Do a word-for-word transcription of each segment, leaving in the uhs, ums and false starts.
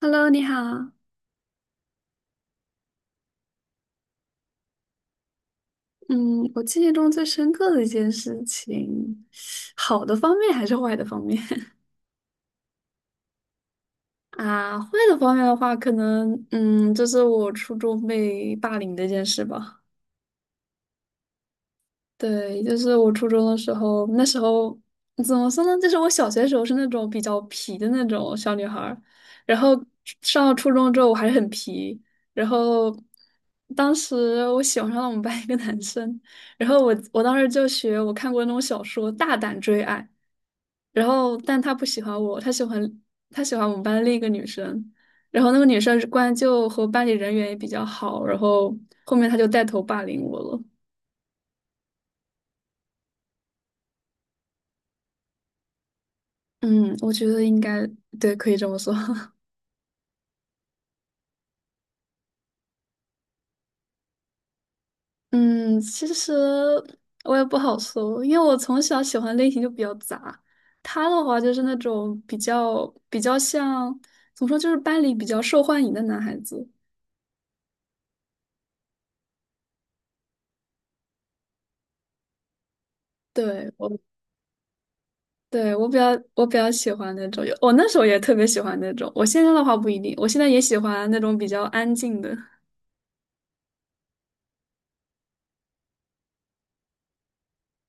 Hello，你好。嗯，我记忆中最深刻的一件事情，好的方面还是坏的方面？ 啊？坏的方面的话，可能嗯，就是我初中被霸凌的一件事吧。对，就是我初中的时候，那时候怎么说呢？就是我小学的时候是那种比较皮的那种小女孩儿，然后上了初中之后我还是很皮，然后当时我喜欢上了我们班一个男生，然后我我当时就学我看过那种小说《大胆追爱》，然后但他不喜欢我，他喜欢他喜欢我们班另一个女生，然后那个女生关就和班里人缘也比较好，然后后面他就带头霸凌我了。嗯，我觉得应该对，可以这么说。嗯，其实我也不好说，因为我从小喜欢类型就比较杂。他的话就是那种比较比较像，怎么说，就是班里比较受欢迎的男孩子。对，我，对，我比较我比较喜欢那种，我那时候也特别喜欢那种。我现在的话不一定，我现在也喜欢那种比较安静的。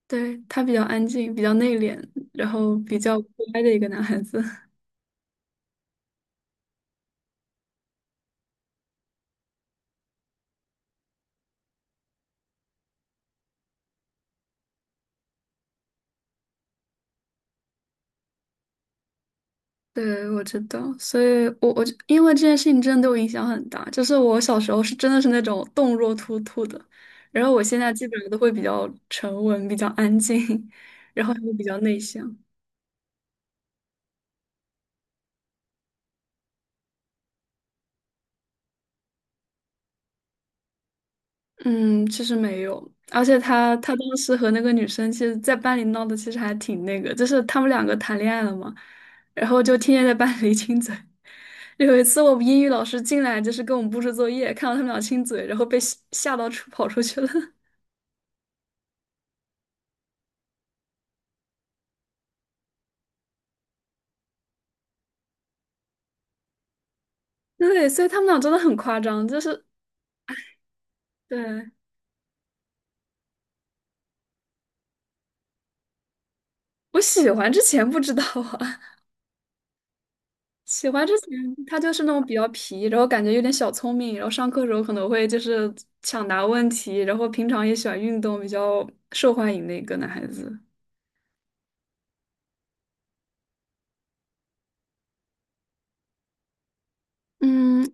对，他比较安静，比较内敛，然后比较乖的一个男孩子。对，我知道，所以我我就因为这件事情真的对我影响很大，就是我小时候是真的是那种动若脱兔的，然后我现在基本上都会比较沉稳、比较安静，然后也会比较内向。嗯，其实没有，而且他他当时和那个女生，其实在班里闹的其实还挺那个，就是他们两个谈恋爱了嘛，然后就天天在班里亲嘴。有一次我们英语老师进来，就是跟我们布置作业，看到他们俩亲嘴，然后被吓吓到出跑出去了。对，所以他们俩真的很夸张，就是对。我喜欢之前不知道啊，喜欢之前他就是那种比较皮，然后感觉有点小聪明，然后上课的时候可能会就是抢答问题，然后平常也喜欢运动，比较受欢迎的一个男孩子。嗯。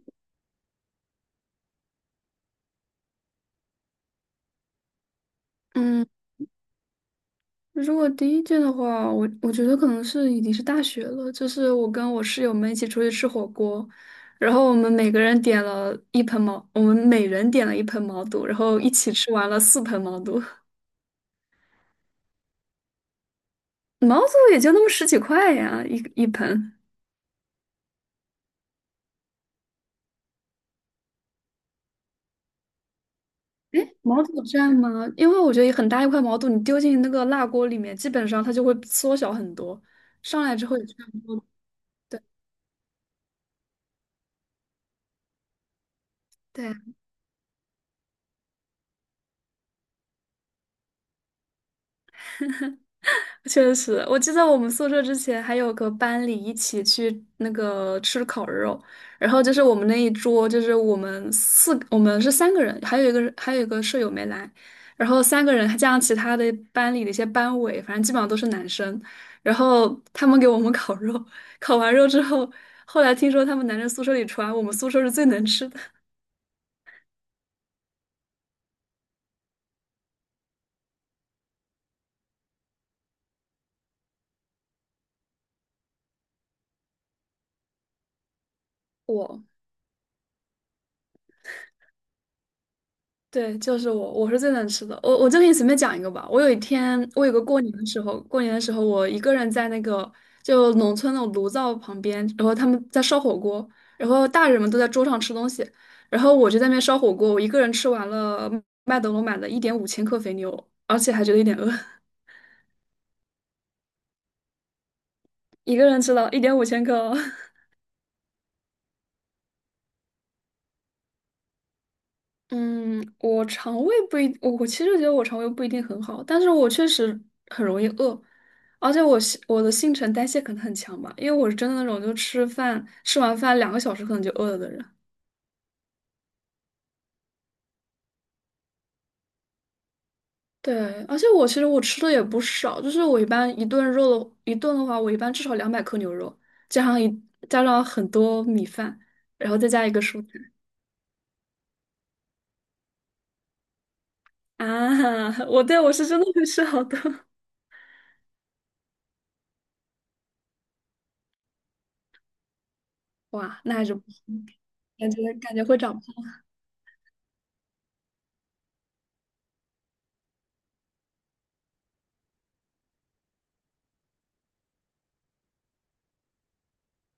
嗯，如果第一件的话，我我觉得可能是已经是大学了，就是我跟我室友们一起出去吃火锅，然后我们每个人点了一盆毛，我们每人点了一盆毛肚，然后一起吃完了四盆毛肚。毛肚也就那么十几块呀，一一盆。哎，毛肚蘸吗？因为我觉得很大一块毛肚，你丢进那个辣锅里面，基本上它就会缩小很多，上来之后也差不多。对。对啊确实，我记得我们宿舍之前还有个班里一起去那个吃烤肉，然后就是我们那一桌，就是我们四，我们是三个人，还有一个人还有一个舍友没来，然后三个人还加上其他的班里的一些班委，反正基本上都是男生，然后他们给我们烤肉，烤完肉之后，后来听说他们男生宿舍里传我们宿舍是最能吃的。我。对，就是我，我是最能吃的。我我就给你随便讲一个吧。我有一天，我有个过年的时候，过年的时候，我一个人在那个就农村那种炉灶旁边，然后他们在烧火锅，然后大人们都在桌上吃东西，然后我就在那边烧火锅，我一个人吃完了麦德龙买的一点五千克肥牛，而且还觉得有点饿，一个人吃了一点五千克哦。嗯，我肠胃不一，我我其实觉得我肠胃不一定很好，但是我确实很容易饿，而且我新我的新陈代谢可能很强吧，因为我是真的那种就吃饭吃完饭两个小时可能就饿了的人。对，而且我其实我吃的也不少，就是我一般一顿肉的一顿的话，我一般至少两百克牛肉，加上一加上很多米饭，然后再加一个蔬菜。啊，我对。我是真的会吃好多，哇，那还是不行，感觉感觉会长。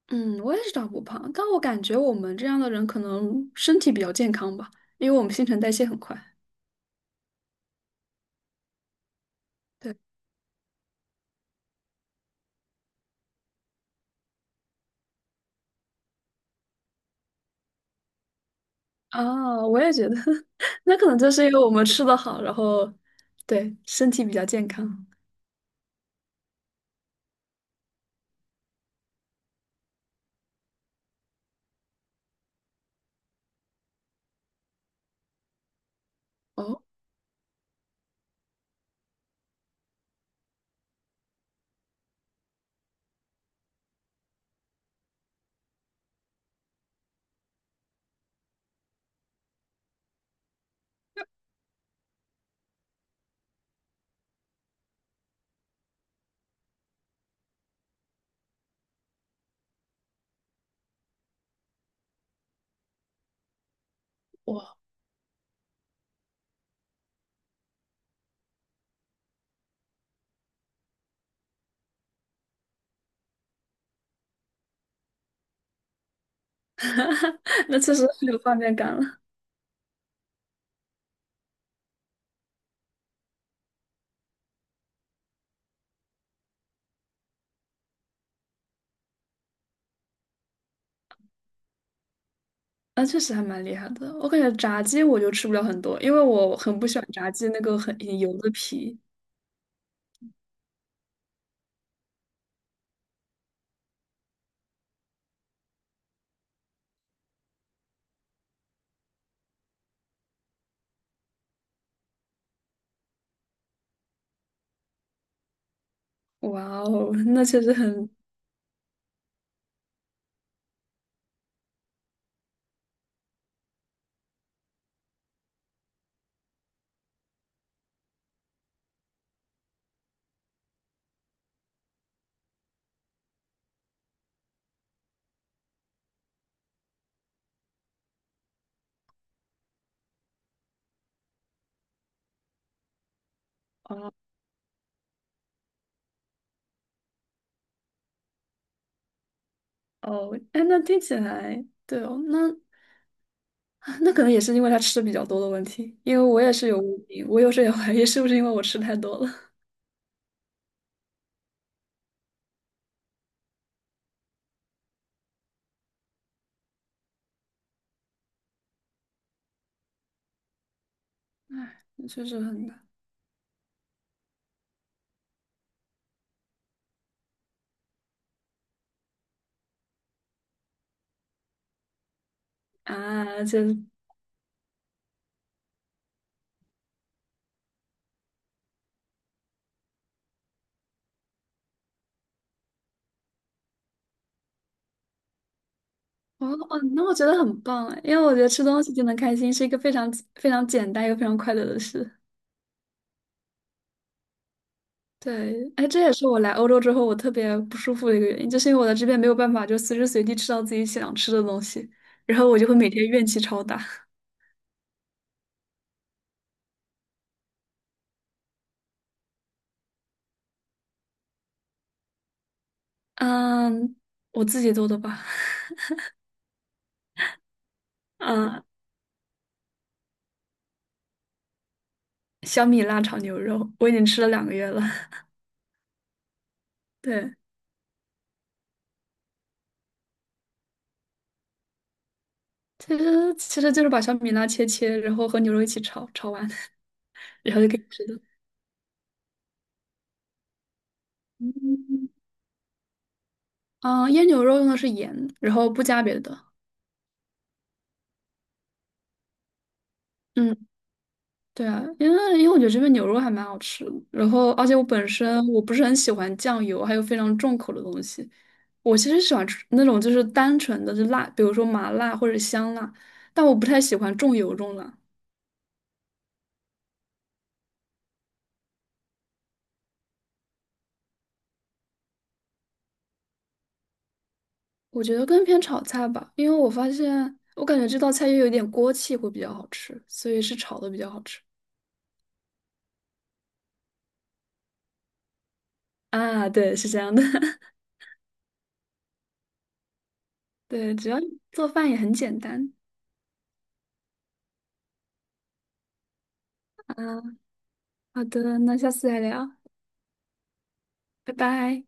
嗯，我也是长不胖，但我感觉我们这样的人可能身体比较健康吧，因为我们新陈代谢很快。对。啊，我也觉得，那可能就是因为我们吃的好，然后对身体比较健康。哦。哇，那确实很有画面感了，那确实还蛮厉害的。我感觉炸鸡我就吃不了很多，因为我很不喜欢炸鸡那个很很油的皮。哇哦，那确实很。啊。哦，哎，那听起来对哦，那。那可能也是因为他吃的比较多的问题，因为我也是有胃病，我有时候也怀疑是不是因为我吃太多了。唉，确实很难啊，这哦哦，那我觉得很棒哎，因为我觉得吃东西就能开心是一个非常非常简单又非常快乐的事。对，哎，这也是我来欧洲之后我特别不舒服的一个原因，就是因为我在这边没有办法就随时随地吃到自己想吃的东西，然后我就会每天怨气超大。嗯，我自己做的吧。嗯，小米辣炒牛肉，我已经吃了两个月了。对。其实其实就是把小米辣切切，然后和牛肉一起炒，炒完 然后就可以吃的。嗯。啊，腌牛肉用的是盐，然后不加别的。嗯，对啊，因为因为我觉得这边牛肉还蛮好吃的，然后而且我本身我不是很喜欢酱油，还有非常重口的东西。我其实喜欢吃那种就是单纯的就辣，比如说麻辣或者香辣，但我不太喜欢重油重辣。我觉得更偏炒菜吧，因为我发现我感觉这道菜又有点锅气会比较好吃，所以是炒的比较好吃。啊，对，是这样的，对，只要做饭也很简单啊。好的，那下次再聊，拜拜。